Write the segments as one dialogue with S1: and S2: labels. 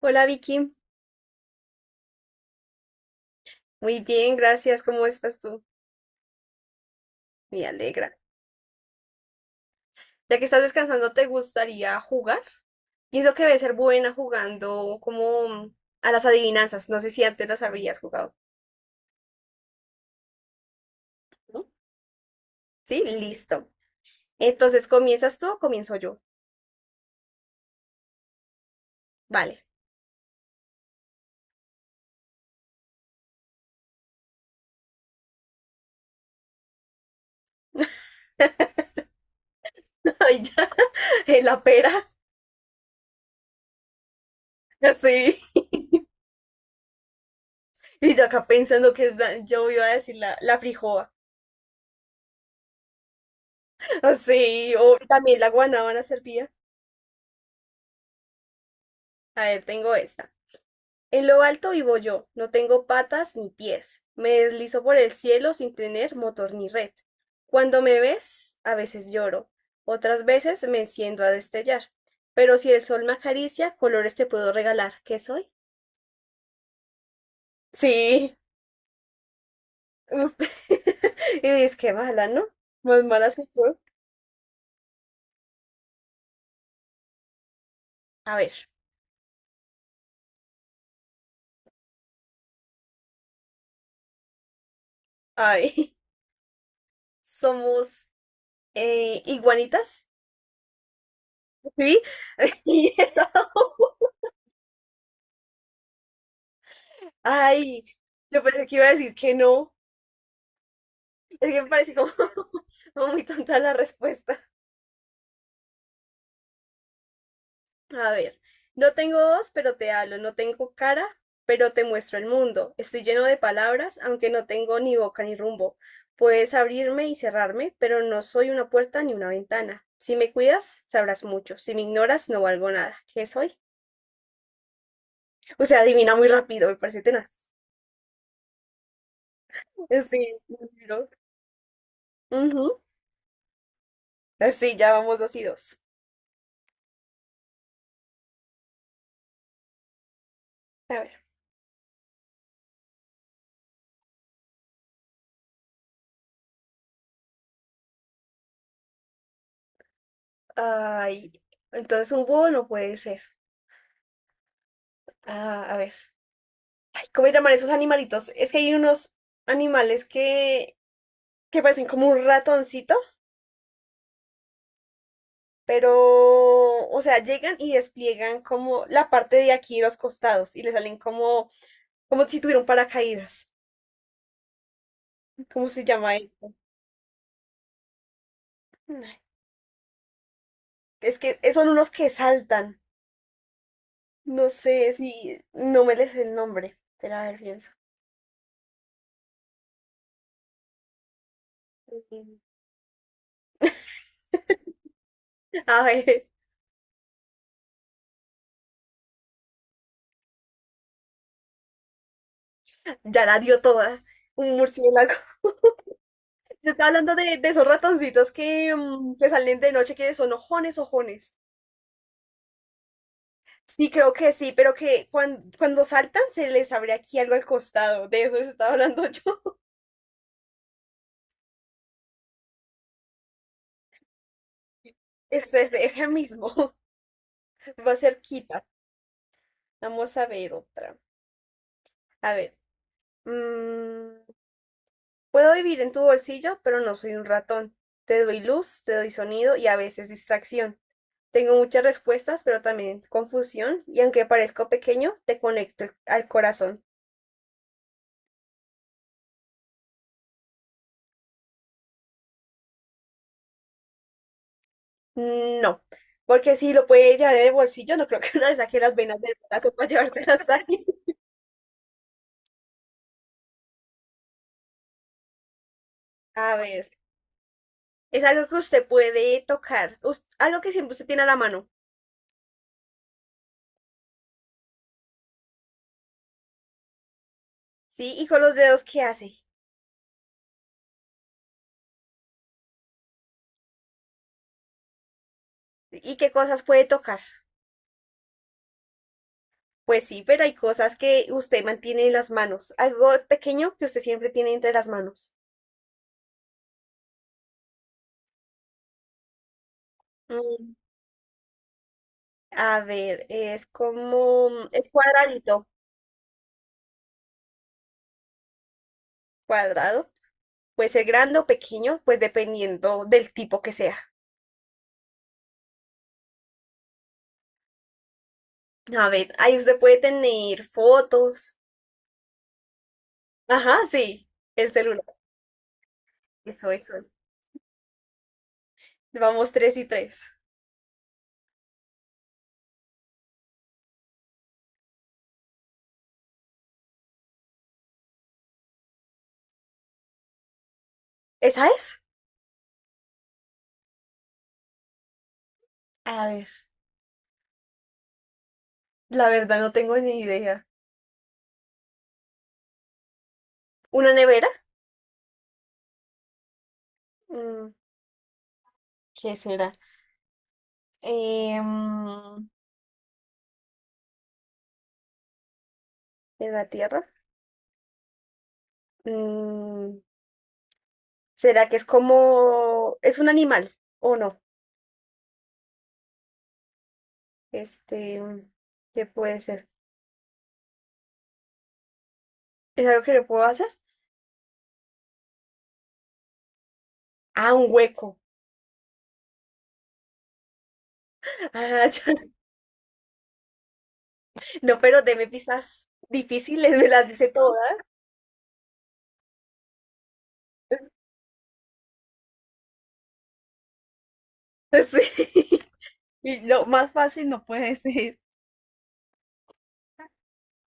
S1: Hola Vicky, muy bien, gracias. ¿Cómo estás tú? Me alegra. Ya que estás descansando, ¿te gustaría jugar? Pienso que debe ser buena jugando como a las adivinanzas. No sé si antes las habrías jugado. ¿No? Sí, listo. Entonces, ¿comienzas tú o comienzo yo? Vale. Ay, ya, en la pera. Así. Y yo acá pensando que es yo iba a decir la frijoa. Así. O también la guanábana servía. A ver, tengo esta. En lo alto vivo yo, no tengo patas ni pies, me deslizo por el cielo sin tener motor ni red. Cuando me ves, a veces lloro, otras veces me enciendo a destellar, pero si el sol me acaricia, colores te puedo regalar. ¿Qué soy? Sí, usted. Y dices, qué mala, ¿no? Más mala soy yo. A ver, a ver, somos iguanitas, ¿sí? Y eso. Ay, yo pensé que iba a decir que no. Es que me parece como, como muy tonta la respuesta. A ver, no tengo voz, pero te hablo, no tengo cara, pero te muestro el mundo. Estoy lleno de palabras, aunque no tengo ni boca ni rumbo. Puedes abrirme y cerrarme, pero no soy una puerta ni una ventana. Si me cuidas, sabrás mucho. Si me ignoras, no valgo nada. ¿Qué soy? O sea, adivina muy rápido, me parece tenaz. Sí, pero- ujú. Sí, ya vamos dos y dos. A ver. Ay, entonces un búho no puede ser. Ah, a ver. ¿Cómo se llaman esos animalitos? Es que hay unos animales que parecen como un ratoncito, pero, o sea, llegan y despliegan como la parte de aquí de los costados y le salen como, como si tuvieran paracaídas. ¿Cómo se llama eso? Es que son unos que saltan. No sé si, no me les sé el nombre. Espera, a ver, pienso. A ver, ya la dio toda. Un murciélago. Yo estaba hablando de esos ratoncitos que, mm, que salen de noche, que son ojones, ojones. Sí, creo que sí, pero que cuando saltan se les abre aquí algo al costado. De eso les estaba hablando yo. Es ese, ese mismo. Va cerquita. Vamos a ver otra. A ver. Mm, puedo vivir en tu bolsillo, pero no soy un ratón. Te doy luz, te doy sonido y a veces distracción. Tengo muchas respuestas, pero también confusión. Y aunque parezco pequeño, te conecto al corazón. No, porque si lo puede llevar en el bolsillo, no creo que no le saque las venas del brazo para llevárselas ahí. A ver, es algo que usted puede tocar, algo que siempre usted tiene a la mano, ¿sí? Y con los dedos, ¿qué hace? ¿Y qué cosas puede tocar? Pues sí, pero hay cosas que usted mantiene en las manos, algo pequeño que usted siempre tiene entre las manos. Mm, a ver, es como, mm, es cuadradito, cuadrado, puede ser grande o pequeño, pues dependiendo del tipo que sea. A ver, ahí usted puede tener fotos. Ajá, sí, el celular. Eso, eso. Vamos tres y tres. ¿Esa es? A ver, la verdad no tengo ni idea. ¿Una nevera? Mm, ¿qué será? Eh, mm, ¿En la tierra? Mm, ¿será que es como... es un animal o no? Este, mm, ¿Qué puede ser? ¿Es algo que le puedo hacer? Ah, un hueco. Ah, ya. No, pero deme pistas difíciles, me las dice todas. Sí. Y lo más fácil no puede ser.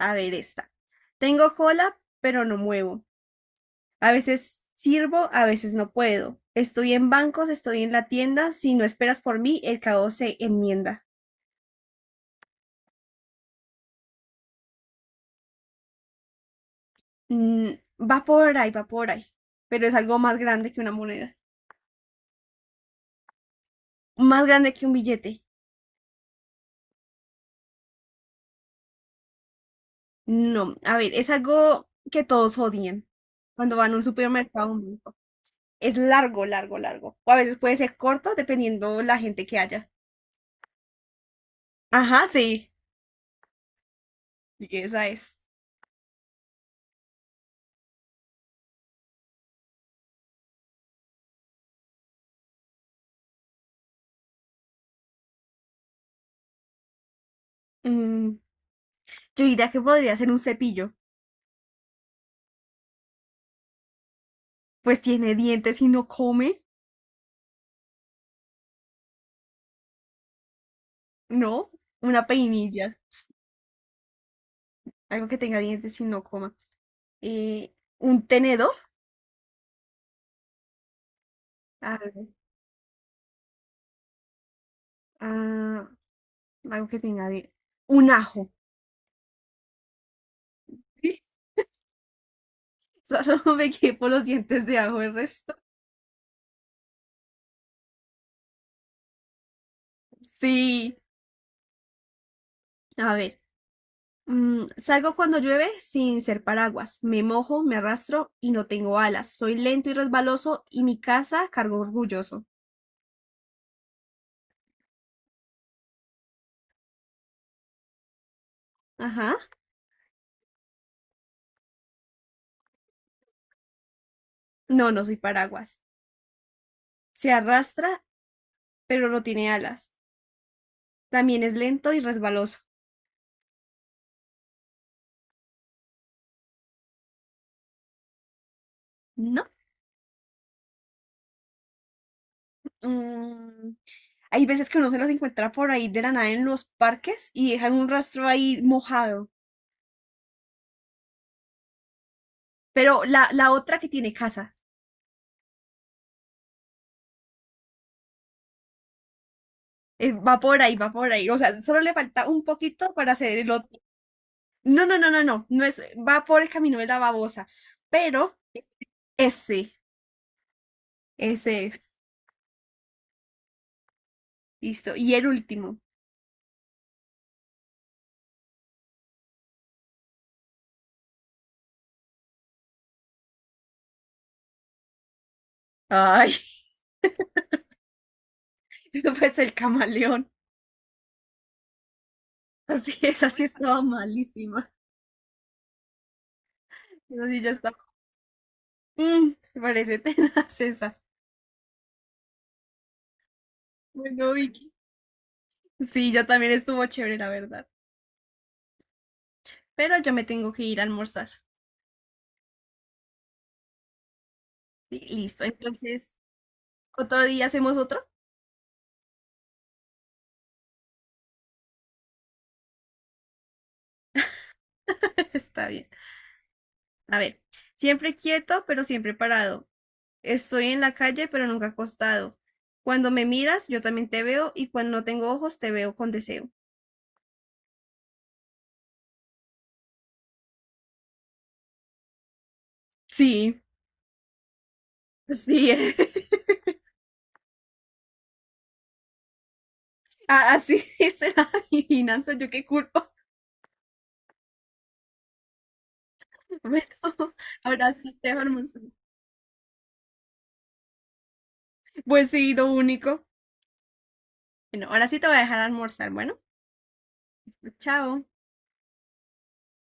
S1: A ver, esta. Tengo cola, pero no muevo. A veces sirvo, a veces no puedo. Estoy en bancos, estoy en la tienda. Si no esperas por mí, el caos se enmienda. Mm, va por ahí, va por ahí. Pero es algo más grande que una moneda. Más grande que un billete. No, a ver, es algo que todos odian cuando van a un supermercado. A un banco. Es largo, largo, largo. O a veces puede ser corto dependiendo la gente que haya. Ajá, sí. Sí, esa es. Mm, yo diría que podría ser un cepillo. Pues tiene dientes y no come. No, una peinilla, algo que tenga dientes y no coma. Eh, un tenedor, algo, ah, algo que tenga dientes. Un ajo. Solo me quedé por los dientes de ajo el resto. Sí, a ver. Mm, salgo cuando llueve sin ser paraguas. Me mojo, me arrastro y no tengo alas. Soy lento y resbaloso y mi casa cargo orgulloso. Ajá. No, no soy paraguas. Se arrastra, pero no tiene alas. También es lento y resbaloso. ¿No? Mm, hay veces que uno se las encuentra por ahí de la nada en los parques y dejan un rastro ahí mojado. Pero la otra que tiene casa, va por ahí, va por ahí. O sea, solo le falta un poquito para hacer el otro. No, no, no, no, no. No es, va por el camino de la babosa. Pero ese, ese es. Listo. Y el último. Ay, pues el camaleón. Así es, así estaba malísima. Así ya está. Mm, me parece tenaz esa. Bueno, Vicky. Sí, yo también estuvo chévere, la verdad. Pero yo me tengo que ir a almorzar. Sí, listo. Entonces, otro día hacemos otro. Está bien. A ver, siempre quieto, pero siempre parado. Estoy en la calle, pero nunca acostado. Cuando me miras, yo también te veo y cuando no tengo ojos, te veo con deseo. Sí, sí. Así es la adivinanza. Yo qué culpa. Bueno, ahora sí te voy a almorzar. Pues sí, lo único. Bueno, ahora sí te voy a dejar almorzar. Bueno, chao.